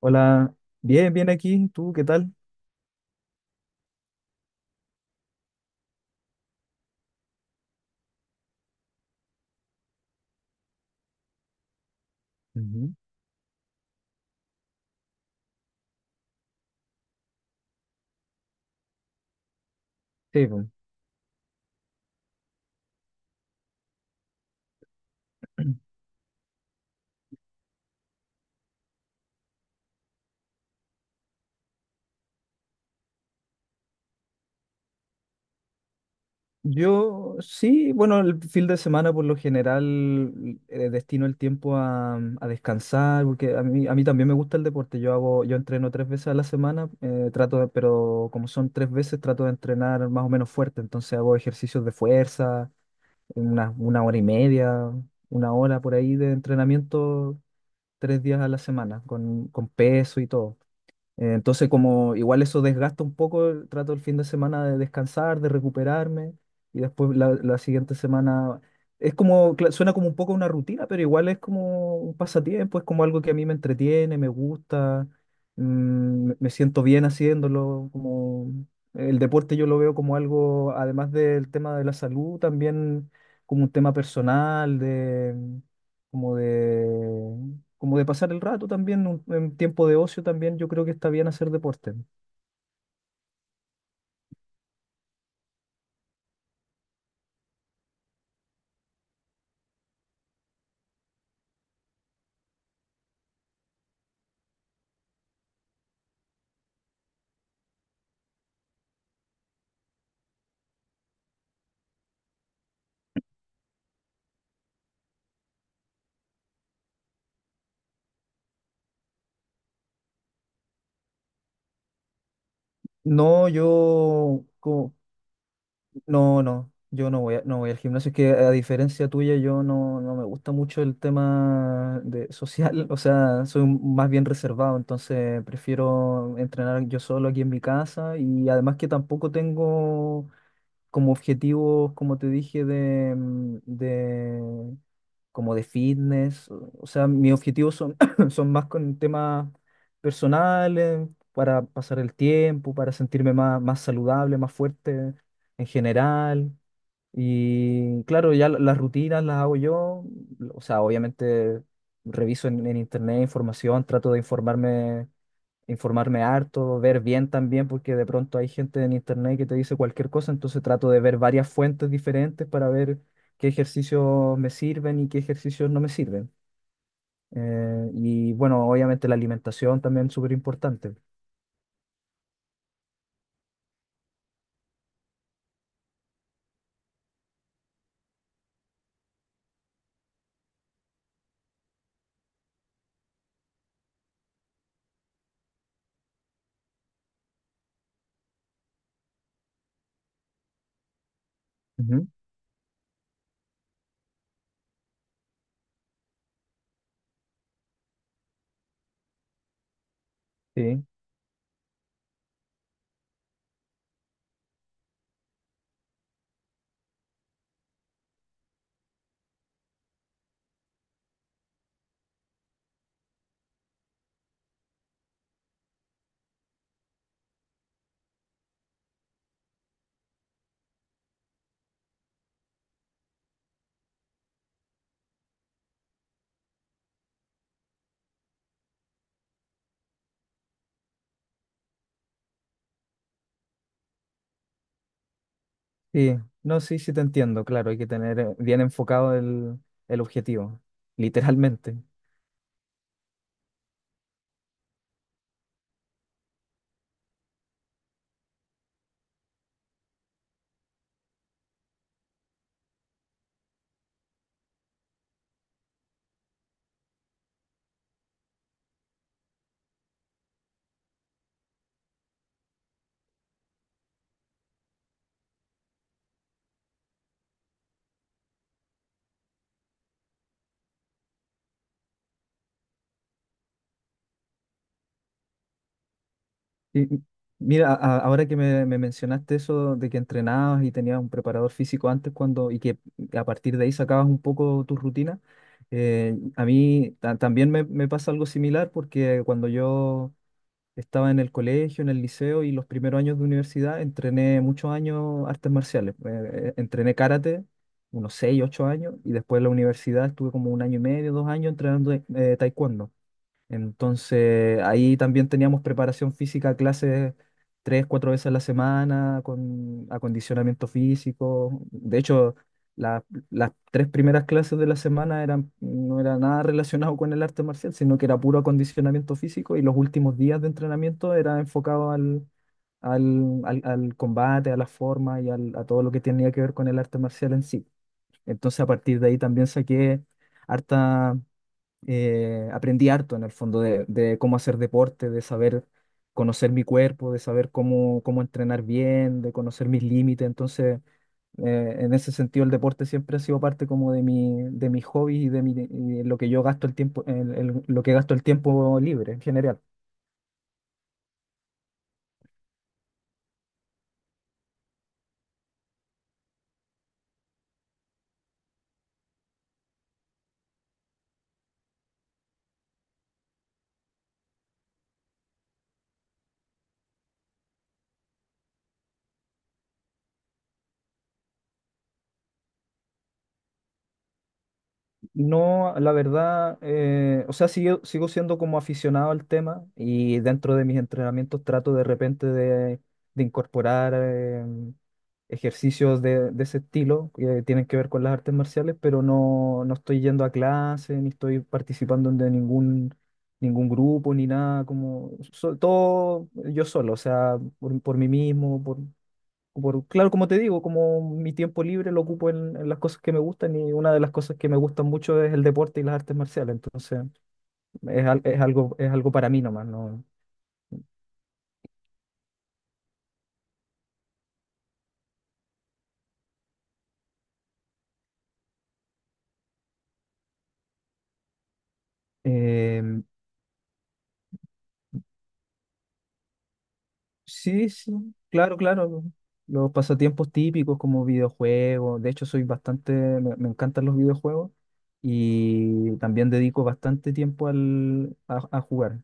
Hola, bien, bien aquí. ¿Tú qué tal? Ujú. Sí, pues. Yo sí, bueno, el fin de semana por lo general destino el tiempo a descansar, porque a mí también me gusta el deporte. Yo hago, yo entreno tres veces a la semana, pero como son tres veces, trato de entrenar más o menos fuerte. Entonces hago ejercicios de fuerza, una hora y media, una hora por ahí de entrenamiento, tres días a la semana, con peso y todo. Entonces, como igual eso desgasta un poco, trato el fin de semana de descansar, de recuperarme, y después la siguiente semana es como, suena como un poco una rutina, pero igual es como un pasatiempo, es como algo que a mí me entretiene, me gusta. Me siento bien haciéndolo, como el deporte yo lo veo como algo, además del tema de la salud, también como un tema personal, como de, como de pasar el rato también, en tiempo de ocio también, yo creo que está bien hacer deporte. No, no, no, yo no no voy al gimnasio, es que a diferencia tuya, yo no, no me gusta mucho el tema de social, o sea, soy más bien reservado, entonces prefiero entrenar yo solo aquí en mi casa, y además que tampoco tengo como objetivos, como te dije, de, de, como de fitness. O sea, mis objetivos son, son más con temas personales, para pasar el tiempo, para sentirme más, más saludable, más fuerte en general. Y claro, ya las rutinas las hago yo, o sea, obviamente reviso en internet información, trato de informarme, informarme harto, ver bien también, porque de pronto hay gente en internet que te dice cualquier cosa, entonces trato de ver varias fuentes diferentes para ver qué ejercicios me sirven y qué ejercicios no me sirven. Y bueno, obviamente la alimentación también es súper importante. Ujú. Sí. Sí, no, sí, sí te entiendo, claro, hay que tener bien enfocado el objetivo, literalmente. Y mira, ahora que me mencionaste eso de que entrenabas y tenías un preparador físico antes, cuando, y que a partir de ahí sacabas un poco tu rutina, a mí también me pasa algo similar, porque cuando yo estaba en el colegio, en el liceo y los primeros años de universidad entrené muchos años artes marciales. Entrené karate, unos 6, 8 años, y después en la universidad estuve como un año y medio, dos años entrenando taekwondo. Entonces, ahí también teníamos preparación física, clases tres, cuatro veces a la semana, con acondicionamiento físico. De hecho, la- las tres primeras clases de la semana eran, no era nada relacionado con el arte marcial, sino que era puro acondicionamiento físico, y los últimos días de entrenamiento era enfocado al combate, a la forma y a todo lo que tenía que ver con el arte marcial en sí. Entonces, a partir de ahí también saqué harta, aprendí harto en el fondo de cómo hacer deporte, de saber conocer mi cuerpo, de saber cómo entrenar bien, de conocer mis límites. Entonces, en ese sentido, el deporte siempre ha sido parte como de mi, de mis hobbies, y de y de lo que yo gasto el tiempo, lo que gasto el tiempo libre en general. No, la verdad, o sea, sigo, sigo siendo como aficionado al tema, y dentro de mis entrenamientos trato de repente de incorporar ejercicios de ese estilo que tienen que ver con las artes marciales, pero no, no estoy yendo a clase, ni estoy participando de ningún, ningún grupo, ni nada, como todo yo solo, o sea, por mí mismo, claro, como te digo, como mi tiempo libre lo ocupo en las cosas que me gustan, y una de las cosas que me gustan mucho es el deporte y las artes marciales, entonces es, es algo para mí nomás, ¿no? Em, sí, sí, claro, claro, los pasatiempos típicos como videojuegos, de hecho soy bastante, me encantan los videojuegos, y también dedico bastante tiempo a jugar.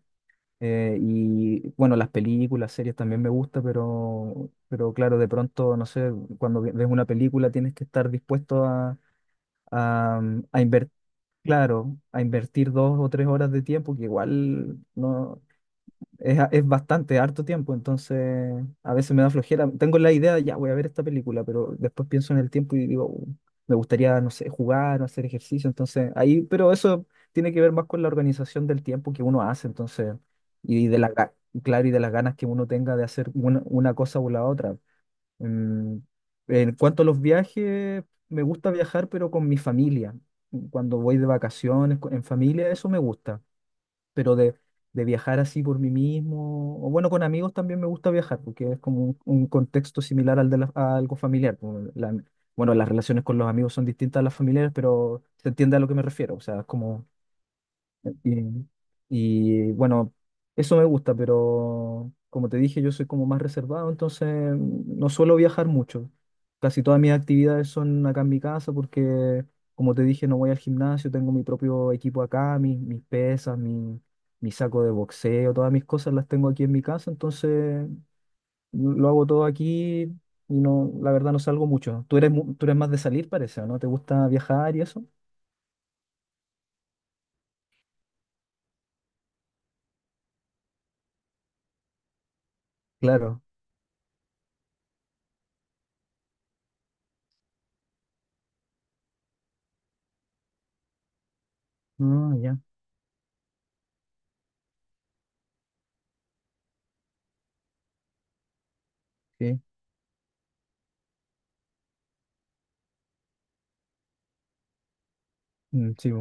Y bueno, las películas, series también me gusta, pero claro, de pronto, no sé, cuando ves una película tienes que estar dispuesto a, invertir, claro, a invertir dos o tres horas de tiempo, que igual no, es, es bastante, harto tiempo, entonces a veces me da flojera. Tengo la idea, ya voy a ver esta película, pero después pienso en el tiempo y digo: me gustaría, no sé, jugar o hacer ejercicio", entonces ahí, pero eso tiene que ver más con la organización del tiempo que uno hace, entonces, y de la, claro, y de las ganas que uno tenga de hacer una cosa o la otra. Mm, en cuanto a los viajes, me gusta viajar, pero con mi familia. Cuando voy de vacaciones, en familia, eso me gusta, pero de viajar así por mí mismo, o bueno, con amigos también me gusta viajar, porque es como un contexto similar al de a algo familiar. Bueno, las relaciones con los amigos son distintas a las familiares, pero se entiende a lo que me refiero, o sea, es como, y, bueno, eso me gusta, pero como te dije, yo soy como más reservado, entonces no suelo viajar mucho. Casi todas mis actividades son acá en mi casa, porque, como te dije, no voy al gimnasio, tengo mi propio equipo acá, mis pesas, mi saco de boxeo, todas mis cosas las tengo aquí en mi casa, entonces lo hago todo aquí, y no, la verdad no salgo mucho. Tú eres, tú eres más de salir, parece, ¿o no? ¿Te gusta viajar y eso? Claro. Ah, ya. Sí. Mm, sí,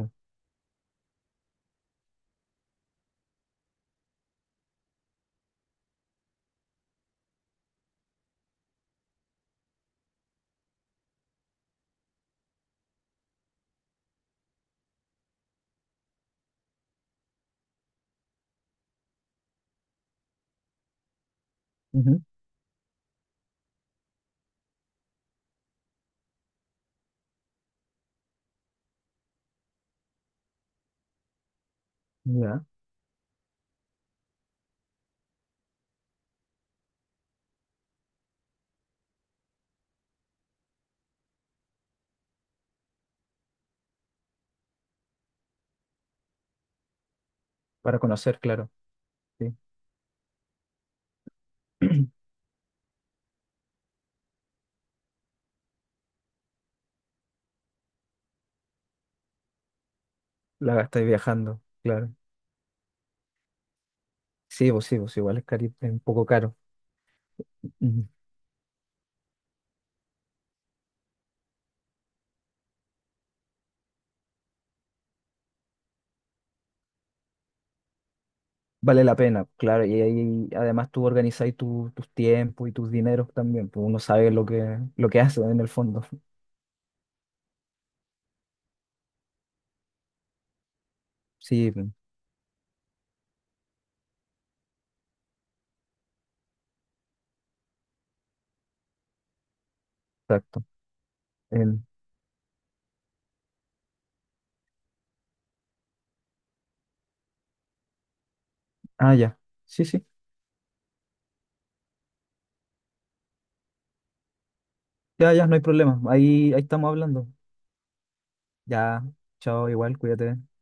bo. Ya, para conocer, claro. Sí. La gastáis viajando, claro. Sí, pues igual es, es un poco caro. Ujú. Vale la pena, claro. Y ahí además tú organizáis tus tiempos y tus dineros también, pues uno sabe lo que hace en el fondo. Sí, pues, exacto. Em, ah, ya. Sí, sí. Ya, ya, no hay problema. Ahí, ahí estamos hablando. Ya, chao, igual, cuídate.